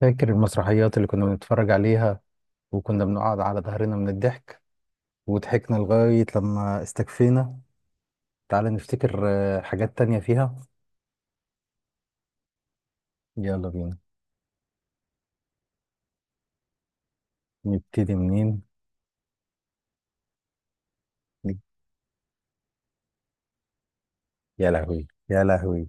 فاكر المسرحيات اللي كنا بنتفرج عليها، وكنا بنقعد على ظهرنا من الضحك، وضحكنا لغاية لما استكفينا. تعال نفتكر. حاجات تانية فيها. يلا بينا. نبتدي منين؟ يا لهوي يا لهوي.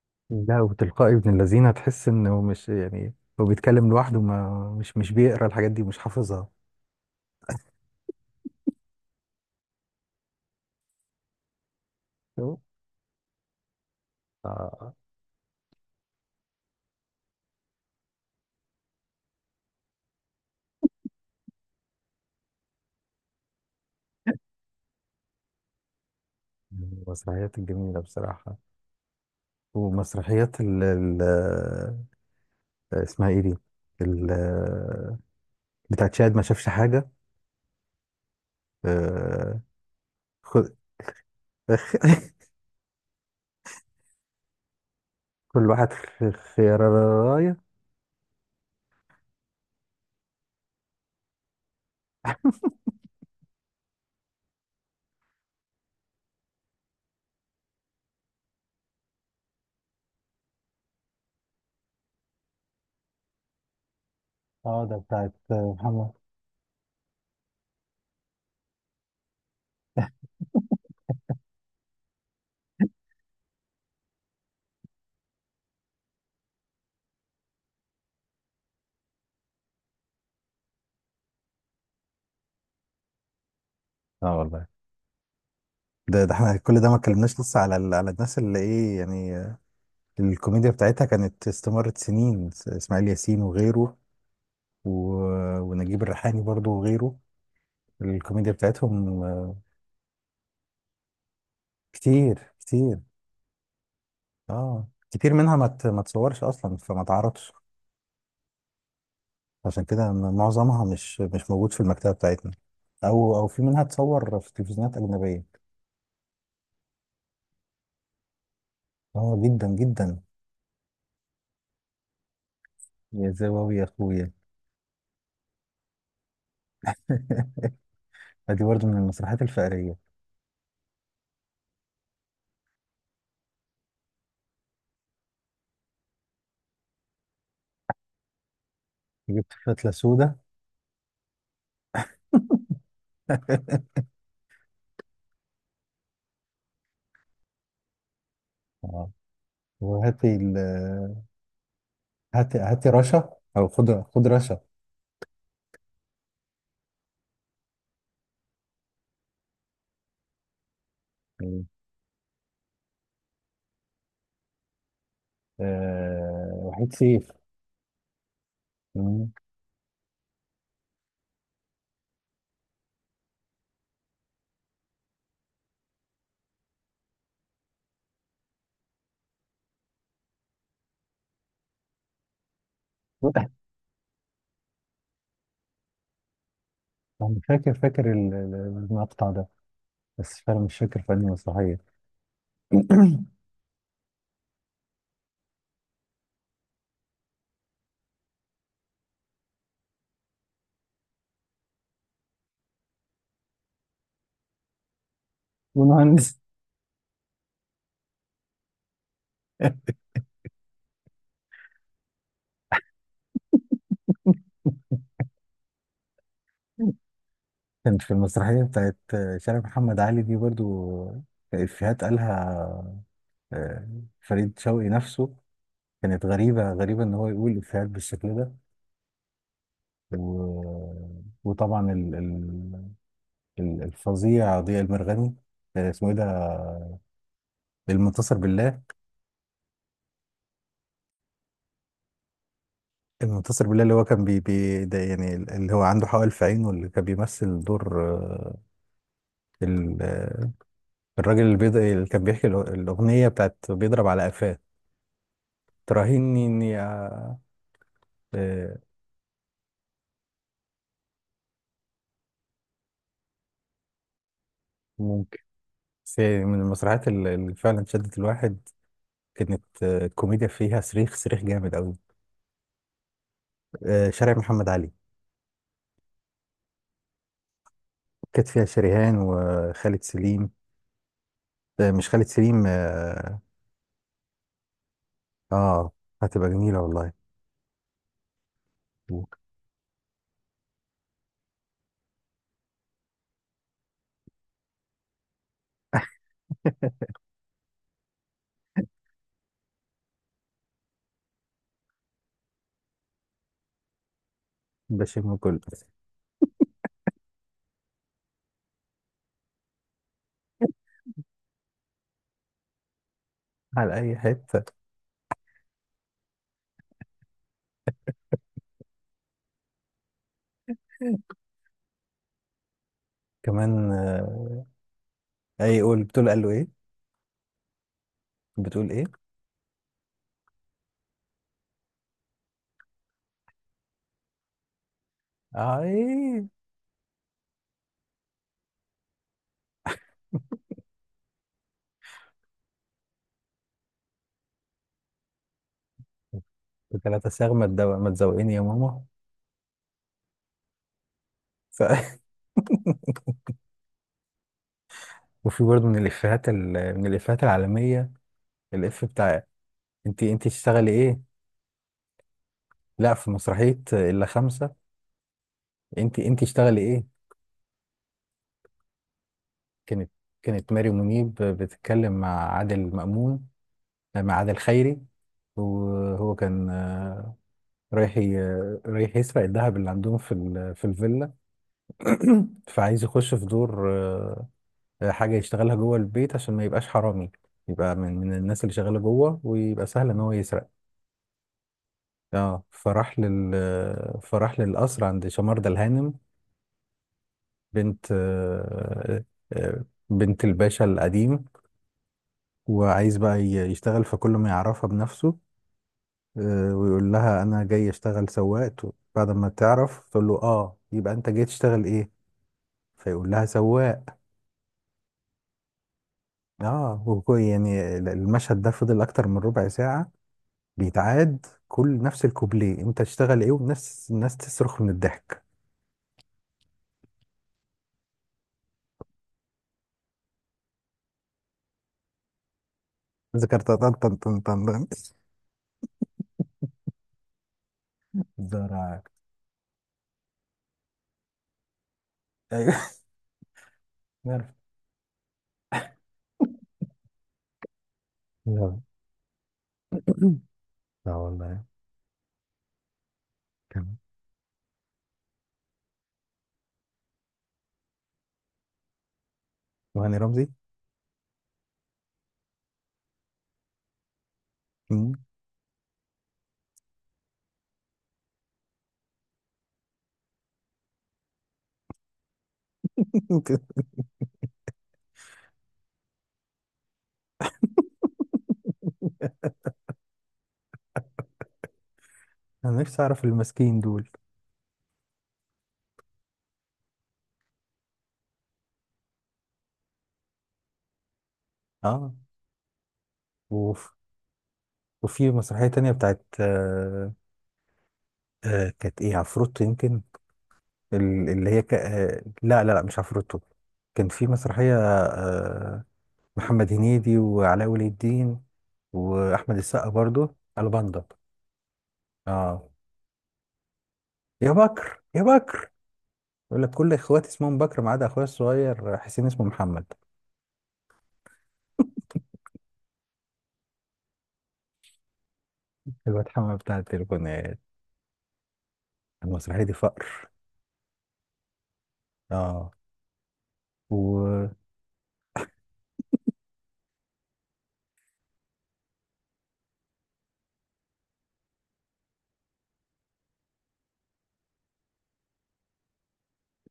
لا، وتلقائي ابن الذين، تحس انه مش يعني. هو بيتكلم لوحده، ما مش مش بيقرا الحاجات دي، مش حافظها. شو؟ آه، من المسرحيات الجميلة بصراحة. ومسرحيات اسمها ايه دي؟ ال- آه، بتاعت شاهد ما شافش حاجة. آه، خ- خ- كل واحد خيرايه. اه، ده بتاعت محمد. اه والله، ده احنا كل ده ما اتكلمناش لسه على على الناس اللي ايه يعني. الكوميديا بتاعتها كانت استمرت سنين. اسماعيل ياسين وغيره، و... ونجيب الريحاني برضو وغيره. الكوميديا بتاعتهم. كتير كتير. اه، كتير منها ما تصورش اصلا، فما تعرضش. عشان كده معظمها مش موجود في المكتبة بتاعتنا، او في منها تصور في تلفزيونات اجنبية. اه جدا جدا. يا زواوي يا اخويا. ادي برضه من المسرحيات الفقريه. جبت فتله سودا. اه، وهاتي هاتي هاتي رشا، او خد خد رشا. مم. وحيد سيف. مم. انا فاكر فاكر المقطع ده، بس فعلا مش فاكر في انهي مسرحيه. والمهندس. كانت في المسرحيه بتاعت شارع محمد علي دي برضو افيهات قالها. آه، فريد شوقي نفسه. كانت غريبة غريبة إن هو يقول إفيهات بالشكل ده. و... وطبعا الفظيع ضياء المرغني. اسمه إيه ده؟ المنتصر بالله. المنتصر بالله اللي هو كان ده، يعني اللي هو عنده حوالي في عينه، اللي كان بيمثل دور ال... آه، الراجل اللي اللي كان بيحكي الأغنية بتاعت بيضرب على قفاه. تراهني إني آه، ممكن. بس يعني من المسرحيات اللي فعلا شدت الواحد. كانت الكوميديا فيها صريخ صريخ جامد قوي. شارع محمد علي كانت فيها شريهان وخالد سليم. مش خالد سليم، اه. آه، هتبقى جميلة والله. بشم كله. على أي حتة. كمان أي قول بتقول، قال له إيه؟ بتقول إيه؟ إيه؟ 3 صاغ، ما تزوقني يا ماما. ف... وفي برضه من الإفيهات من الإفيهات العالمية. الإف بتاع أنت تشتغلي إيه؟ لا، في مسرحية إلا خمسة، أنت تشتغلي إيه؟ كانت كانت ماري منيب بتتكلم مع عادل مأمون، مع عادل خيري. وهو كان رايح ي- رايح يسرق الذهب اللي عندهم في في الفيلا. فعايز يخش في دور حاجة يشتغلها جوه البيت عشان ما يبقاش حرامي، يبقى من الناس اللي شغالة جوه ويبقى سهل ان هو يسرق. اه، فراح لل آه، فراح للقصر عند شماردة الهانم. بنت آه، آه، آه، بنت الباشا القديم. وعايز بقى يشتغل، فكل ما يعرفها بنفسه. ويقول لها انا جاي اشتغل سواق. بعد ما تعرف تقول له اه، يبقى انت جاي تشتغل ايه، فيقول لها سواق. اه، يعني المشهد ده فضل اكتر من ربع ساعة بيتعاد، كل نفس الكوبليه انت تشتغل ايه، ونفس الناس تصرخ من الضحك. ذكرت طن طن طن طن طن. دراك. ايوه. عارف. لا لا والله. كان وهاني رمزي. مم. انا نفسي اعرف المسكين دول. اه. وف- وفي مسرحية تانية بتاعت كانت ايه؟ عفروتو يمكن. اللي هي ك... آه لا لا لا، مش عفروتو. كان في مسرحية محمد هنيدي وعلاء ولي الدين واحمد السقا برضو. الباندا. اه. يا بكر يا بكر، يقول لك كل اخواتي اسمهم بكر ما عدا اخويا الصغير حسين اسمه محمد. الواد محمد بتاع التليفونات. المسرحية دي فقر. اه. و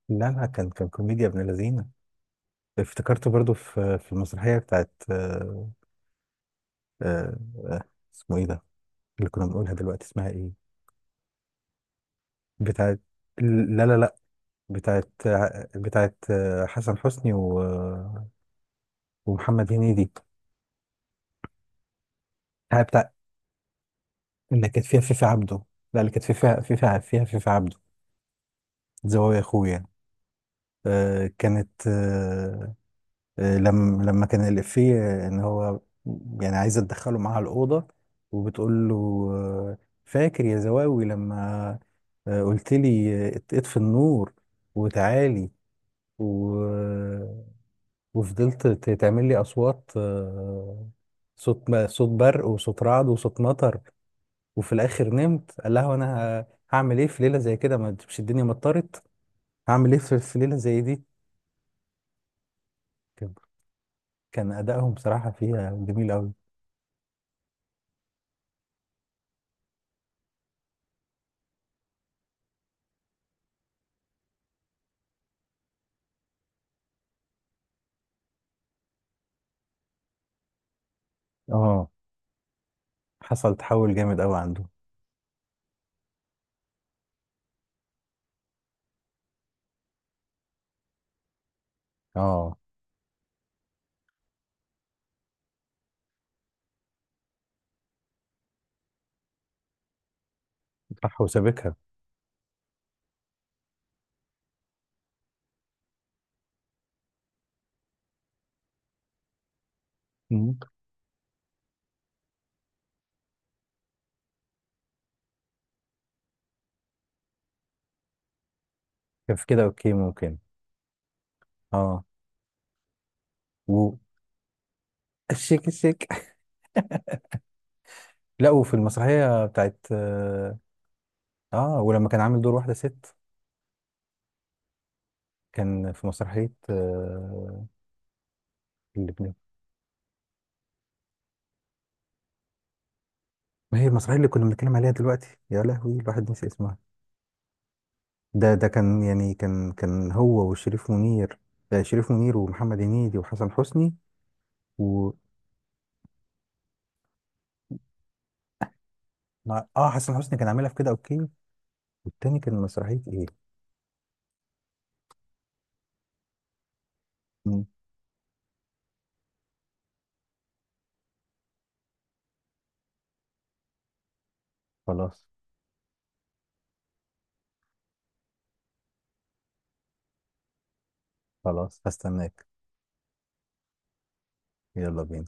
لا لا، كان كوميديا ابن لذينه. افتكرته برضو في المسرحية بتاعت آه آه، اسمه ايه ده؟ اللي كنا بنقولها دلوقتي اسمها ايه؟ بتاعت، لا لا لا، بتاعت بتاعت حسن حسني ومحمد هنيدي. هي بتاع اللي كانت فيها فيفي عبده. لا، اللي كانت فيها فيفي، فيها فيفي عبده. زوايا اخويا. كانت لما كان الإفيه ان هو يعني عايزه تدخله معاها الأوضة، وبتقول له آه، فاكر يا زواوي لما قلت لي اطفي النور وتعالي. وفضلت تعمل لي اصوات صوت ما صوت برق وصوت رعد وصوت مطر. وفي الاخر نمت. قال لها وانا هعمل ايه في ليله زي كده، ما مش الدنيا مطرت؟ هعمل ايه في ليله زي دي؟ كان كان ادائهم بصراحه فيها جميل قوي. اه، حصل تحول جامد قوي عنده. اه، صح وسابقها. مم. كان في كده اوكي، ممكن. اه. و الشيك الشيك. لا، وفي المسرحيه بتاعت، اه ولما كان عامل دور واحده ست. كان في مسرحيه اللبنان. ما هي المسرحية اللي كنا بنتكلم عليها دلوقتي؟ يا لهوي، الواحد نسي اسمها. ده كان، يعني كان هو وشريف منير. شريف منير ومحمد هنيدي وحسن حسني. و اه حسن حسني كان عاملها في كده اوكي، والتاني كان مسرحية ايه؟ مم. خلاص. خلاص هستناك. يلا بينا.